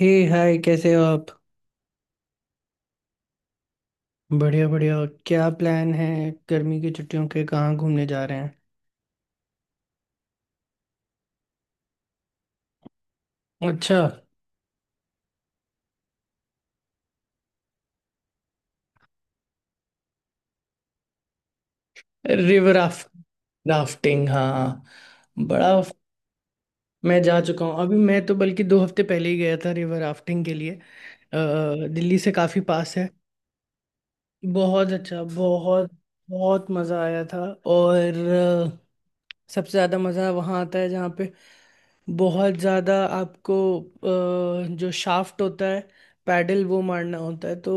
हे hi, कैसे हो आप। बढ़िया बढ़िया। क्या प्लान है, गर्मी की छुट्टियों के कहाँ घूमने जा रहे हैं। अच्छा। River raft. राफ्टिंग हाँ। बड़ा। मैं जा चुका हूँ, अभी मैं तो बल्कि 2 हफ्ते पहले ही गया था रिवर राफ्टिंग के लिए। दिल्ली से काफ़ी पास है। बहुत अच्छा, बहुत। बहुत मज़ा आया था। और अ, सबसे ज़्यादा मज़ा वहाँ आता है जहाँ पे बहुत ज़्यादा आपको, जो शाफ्ट होता है, पैडल वो मारना होता है, तो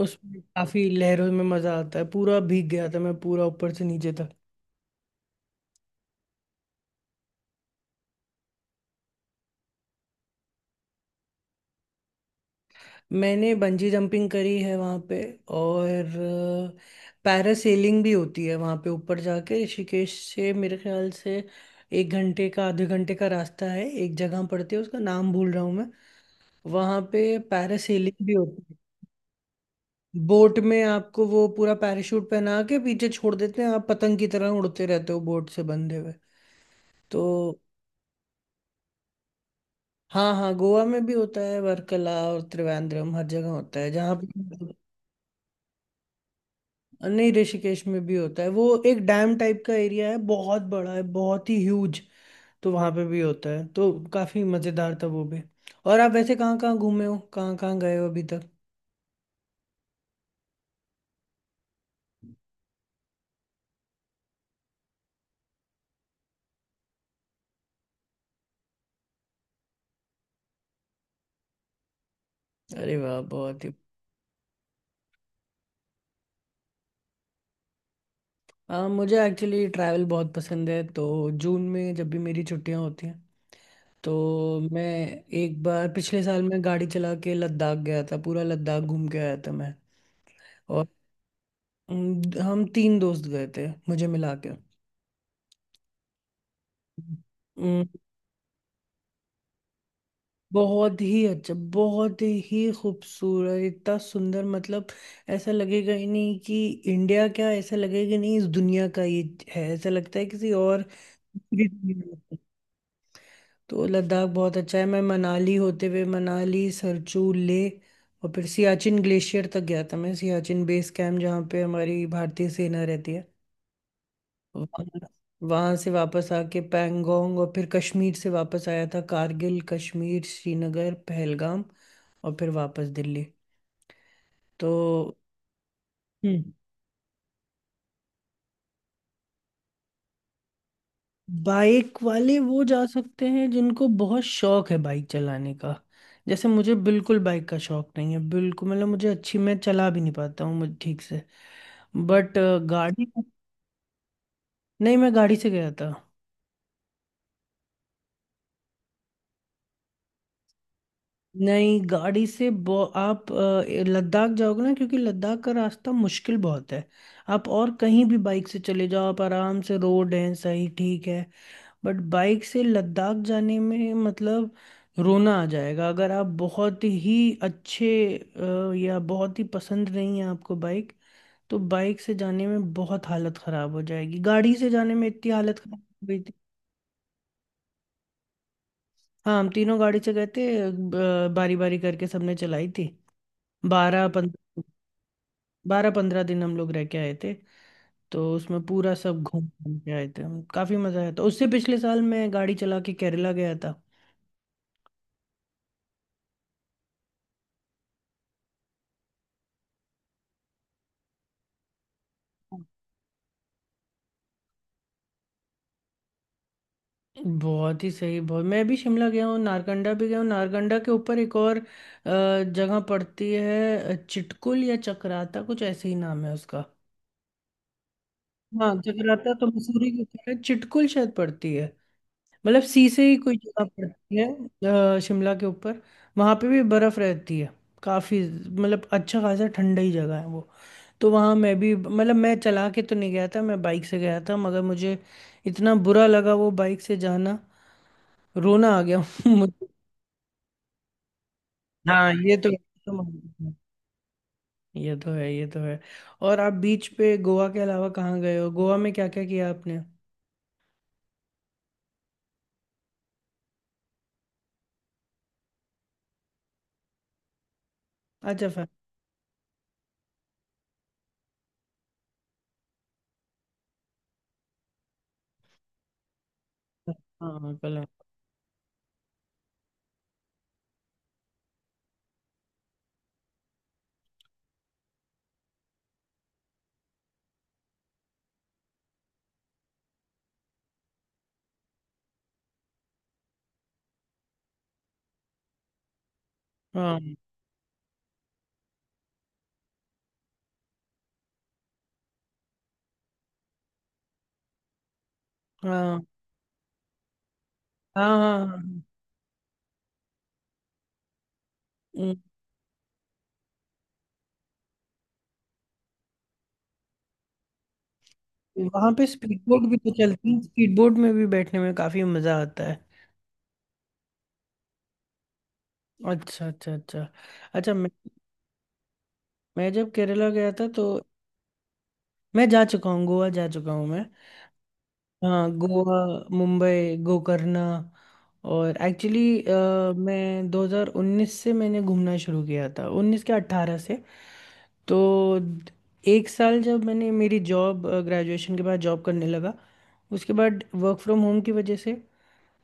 उसमें काफ़ी लहरों में मज़ा आता है, पूरा भीग गया था मैं, पूरा ऊपर से नीचे तक। मैंने बंजी जंपिंग करी है वहाँ पे। और पैरासेलिंग भी होती है वहाँ पे, ऊपर जाके ऋषिकेश से मेरे ख्याल से 1 घंटे का, ½ घंटे का रास्ता है, एक जगह पड़ती है, उसका नाम भूल रहा हूँ मैं। वहाँ पे पैरासेलिंग भी होती है। बोट में आपको वो पूरा पैराशूट पहना के पीछे छोड़ देते हैं, आप पतंग की तरह उड़ते रहते हो बोट से बंधे हुए, तो। हाँ हाँ, गोवा में भी होता है, वर्कला और त्रिवेंद्रम, हर जगह होता है जहाँ पे। नहीं, ऋषिकेश में भी होता है, वो एक डैम टाइप का एरिया है, बहुत बड़ा है, बहुत ही ह्यूज। तो वहाँ पे भी होता है, तो काफी मजेदार था वो भी। और आप वैसे कहाँ कहाँ घूमे हो, कहाँ कहाँ गए हो अभी तक। अरे वाह, बहुत ही। मुझे एक्चुअली ट्रैवल बहुत पसंद है। तो जून में जब भी मेरी छुट्टियाँ होती हैं तो मैं, एक बार पिछले साल मैं गाड़ी चला के लद्दाख गया था, पूरा लद्दाख घूम के आया था मैं। और हम तीन दोस्त गए थे, मुझे मिला के। बहुत ही अच्छा, बहुत ही खूबसूरत, इतना सुंदर, मतलब ऐसा लगेगा ही नहीं कि इंडिया, क्या ऐसा लगेगा ही नहीं इस दुनिया का ये है, ऐसा लगता है किसी और दूसरी दुनिया में। तो लद्दाख बहुत अच्छा है। मैं मनाली होते हुए, मनाली सरचू ले, और फिर सियाचिन ग्लेशियर तक गया था मैं, सियाचिन बेस कैंप, जहाँ पे हमारी भारतीय सेना रहती है। वहां से वापस आके पैंगोंग, और फिर कश्मीर से वापस आया था, कारगिल कश्मीर श्रीनगर पहलगाम, और फिर वापस दिल्ली, तो। हम्म बाइक वाले वो जा सकते हैं जिनको बहुत शौक है बाइक चलाने का। जैसे मुझे बिल्कुल बाइक का शौक नहीं है, बिल्कुल, मतलब मुझे अच्छी, मैं चला भी नहीं पाता हूँ, मुझे ठीक से। बट गाड़ी, नहीं, मैं गाड़ी से गया था। नहीं, गाड़ी से आप लद्दाख जाओगे ना, क्योंकि लद्दाख का रास्ता मुश्किल बहुत है। आप और कहीं भी बाइक से चले जाओ, आप आराम से, रोड है सही, ठीक है। बट बाइक से लद्दाख जाने में, मतलब रोना आ जाएगा, अगर आप बहुत ही अच्छे, या बहुत ही पसंद नहीं है आपको बाइक, तो बाइक से जाने में बहुत हालत ख़राब हो जाएगी, गाड़ी से जाने में इतनी हालत ख़राब हो गई थी। हाँ, हम तीनों गाड़ी से गए थे, बारी बारी करके सबने चलाई थी। 12-15। 12-15 दिन हम लोग रह के आए थे, तो उसमें पूरा सब घूम घूम के आए थे हम, काफी मजा आया था। उससे पिछले साल मैं गाड़ी चला के केरला गया था। बहुत ही सही, बहुत। मैं भी शिमला गया हूँ, नारकंडा भी गया हूँ, नारकंडा के ऊपर एक और जगह पड़ती है, चिटकुल या चक्राता, कुछ ऐसे ही नाम है उसका। हाँ, चक्राता तो मसूरी के ऊपर है, चिटकुल शायद पड़ती है, मतलब सीसे ही कोई जगह पड़ती है शिमला के ऊपर। वहाँ पे भी बर्फ रहती है काफी, मतलब अच्छा खासा ठंडा ही जगह है वो। तो वहाँ मैं भी, मतलब मैं चला के तो नहीं गया था, मैं बाइक से गया था, मगर मुझे इतना बुरा लगा वो बाइक से जाना, रोना आ गया मुझे, हाँ ये तो मानता हूँ। ये तो है, ये तो है। और आप बीच पे गोवा के अलावा कहाँ गए हो, गोवा में क्या क्या किया आपने। अच्छा, फैमिली। हाँ। कल हाँ हाँ हाँ हाँ हाँ, हाँ। वहां पे स्पीड बोट भी तो चलती है, स्पीड बोट में भी बैठने में काफी मजा आता है। अच्छा अच्छा अच्छा। अच्छा मैं जब केरला गया था, तो मैं जा चुका हूँ गोवा, जा चुका हूँ मैं। हाँ, गोवा, मुंबई, गोकर्णा। और एक्चुअली मैं 2019 से, मैंने घूमना शुरू किया था 19 के 18 से। तो एक साल, जब मैंने मेरी जॉब, ग्रेजुएशन के बाद जॉब करने लगा, उसके बाद वर्क फ्रॉम होम की वजह से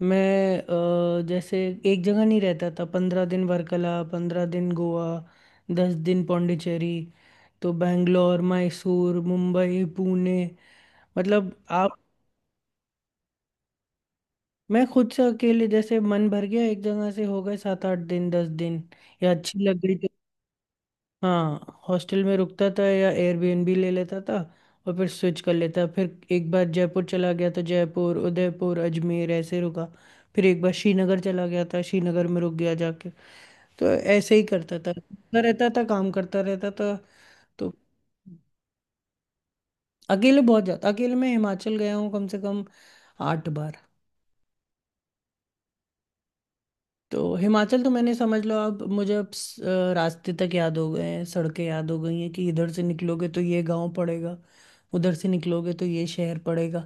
मैं, जैसे एक जगह नहीं रहता था, 15 दिन वर्कला, 15 दिन गोवा, 10 दिन पौंडीचेरी, तो बैंगलोर मैसूर मुंबई पुणे, मतलब। आप। मैं खुद से अकेले, जैसे मन भर गया एक जगह से, हो गए 7-8 दिन 10 दिन, या अच्छी लग गई। हाँ, हॉस्टल में रुकता था या एयरबीएनबी ले लेता था, और फिर स्विच कर लेता। फिर एक बार जयपुर चला गया, तो जयपुर उदयपुर अजमेर ऐसे रुका। फिर एक बार श्रीनगर चला गया था, श्रीनगर में रुक गया जाके। तो ऐसे ही करता था, करता रहता था, काम करता रहता था। तो अकेले बहुत जाता, अकेले मैं हिमाचल गया हूँ कम से कम 8 बार। तो हिमाचल तो मैंने, समझ लो अब मुझे अब रास्ते तक याद हो गए हैं, सड़कें याद हो गई हैं, कि इधर से निकलोगे तो ये गांव पड़ेगा, उधर से निकलोगे तो ये शहर पड़ेगा।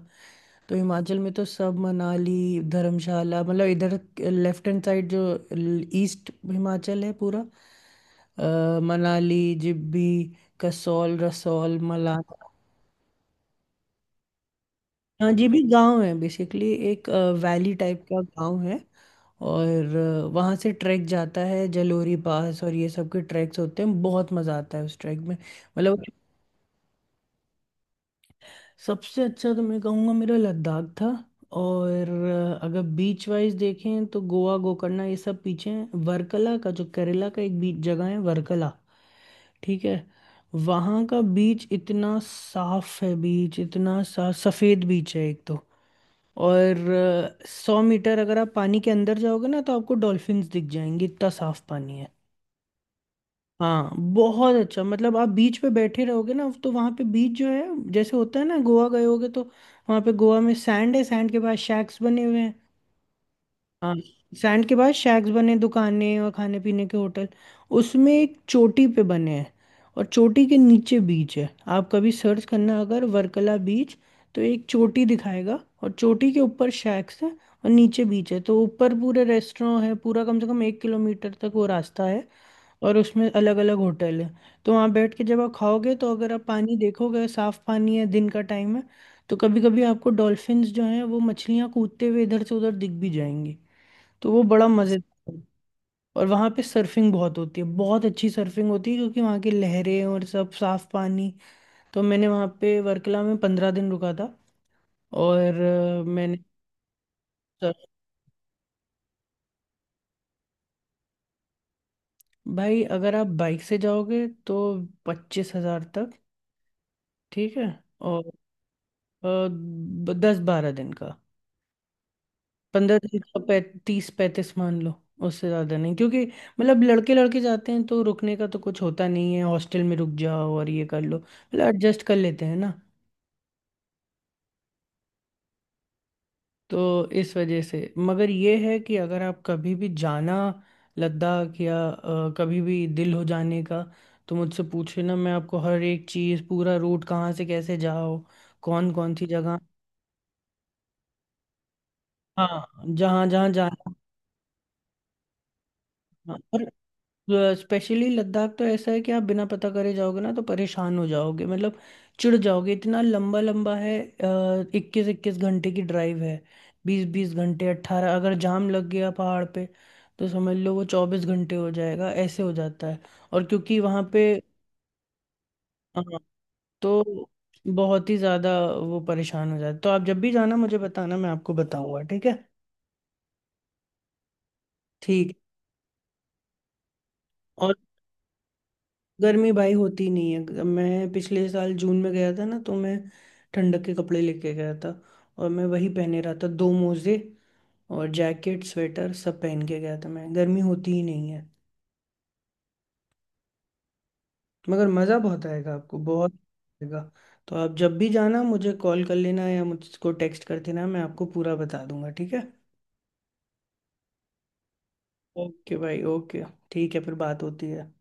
तो हिमाचल में तो सब मनाली धर्मशाला, मतलब इधर लेफ्ट हैंड साइड जो ईस्ट हिमाचल है पूरा, मनाली जिब्बी, कसौल रसौल मलाना। हाँ, जी भी गांव है बेसिकली, एक वैली टाइप का गांव है। और वहाँ से ट्रैक जाता है जलोरी पास, और ये सब के ट्रैक्स होते हैं, बहुत मज़ा आता है उस ट्रैक में। मतलब सबसे अच्छा तो मैं कहूँगा मेरा लद्दाख था। और अगर बीच वाइज देखें, तो गोवा गोकर्णा ये सब पीछे हैं, वर्कला का, जो केरला का एक बीच जगह है वर्कला, ठीक है, वहाँ का बीच इतना साफ है, बीच इतना सा सफ़ेद बीच है एक तो। और 100 मीटर अगर आप पानी के अंदर जाओगे ना, तो आपको डॉल्फिन्स दिख जाएंगे, इतना साफ पानी है। हाँ, बहुत अच्छा, मतलब आप बीच पे बैठे रहोगे ना तो वहाँ पे बीच जो है, जैसे होता है ना, गोवा गए होगे तो वहाँ पे गोवा में सैंड है, सैंड के पास शैक्स बने हुए हैं। हाँ। सैंड के बाद शैक्स बने, दुकानें और खाने पीने के होटल, उसमें एक चोटी पे बने हैं, और चोटी के नीचे बीच है। आप कभी सर्च करना अगर वर्कला बीच, तो एक चोटी दिखाएगा, और चोटी के ऊपर शैक्स है, और नीचे बीच है, तो ऊपर पूरे रेस्टोरेंट है, पूरा कम से कम 1 किलोमीटर तक वो रास्ता है, और उसमें अलग अलग होटल है। तो वहाँ बैठ के जब आप खाओगे, तो अगर आप पानी देखोगे, साफ पानी है, दिन का टाइम है, तो कभी कभी आपको डॉल्फिन्स जो हैं, वो मछलियाँ, कूदते हुए इधर से उधर दिख भी जाएंगी, तो वो बड़ा मज़ेदार है। और वहाँ पे सर्फिंग बहुत होती है, बहुत अच्छी सर्फिंग होती है, क्योंकि वहाँ की लहरें, और सब साफ पानी, तो मैंने वहाँ पे वर्कला में 15 दिन रुका था। और मैंने सर्फ- भाई अगर आप बाइक से जाओगे तो 25 हजार तक, ठीक है। और अ, 10-12 दिन का, 15 दिन का 30-35 मान लो, उससे ज़्यादा नहीं, क्योंकि मतलब लड़के लड़के जाते हैं तो रुकने का तो कुछ होता नहीं है, हॉस्टल में रुक जाओ और ये कर लो, मतलब एडजस्ट कर लेते हैं ना। तो इस वजह से, मगर ये है कि अगर आप कभी भी जाना लद्दाख, या कभी भी दिल हो जाने का, तो मुझसे पूछे ना, मैं आपको हर एक चीज़, पूरा रूट कहाँ से कैसे जाओ, कौन कौन सी जगह। हाँ, जहाँ जहाँ जाना। हाँ, और स्पेशली लद्दाख तो ऐसा है कि आप बिना पता करे जाओगे ना तो परेशान हो जाओगे, मतलब चिढ़ जाओगे, इतना लंबा लंबा है, 21-21 घंटे की ड्राइव है, 20-20 घंटे, 18, अगर जाम लग गया पहाड़ पे, तो समझ लो वो 24 घंटे हो जाएगा, ऐसे हो जाता है। और क्योंकि वहाँ पे, हाँ, तो बहुत ही ज़्यादा वो परेशान हो जाता है, तो आप जब भी जाना मुझे बताना, मैं आपको बताऊंगा, ठीक है। ठीक। और गर्मी भाई होती नहीं है, मैं पिछले साल जून में गया था ना, तो मैं ठंडक के कपड़े लेके गया था, और मैं वही पहने रहा था, दो मोजे और जैकेट स्वेटर सब पहन के गया था मैं, गर्मी होती ही नहीं है, मगर मज़ा बहुत आएगा आपको, बहुत आएगा। तो आप जब भी जाना मुझे कॉल कर लेना, या मुझको टेक्स्ट कर देना, मैं आपको पूरा बता दूंगा, ठीक है। ओके भाई ओके, ठीक है, फिर बात होती है।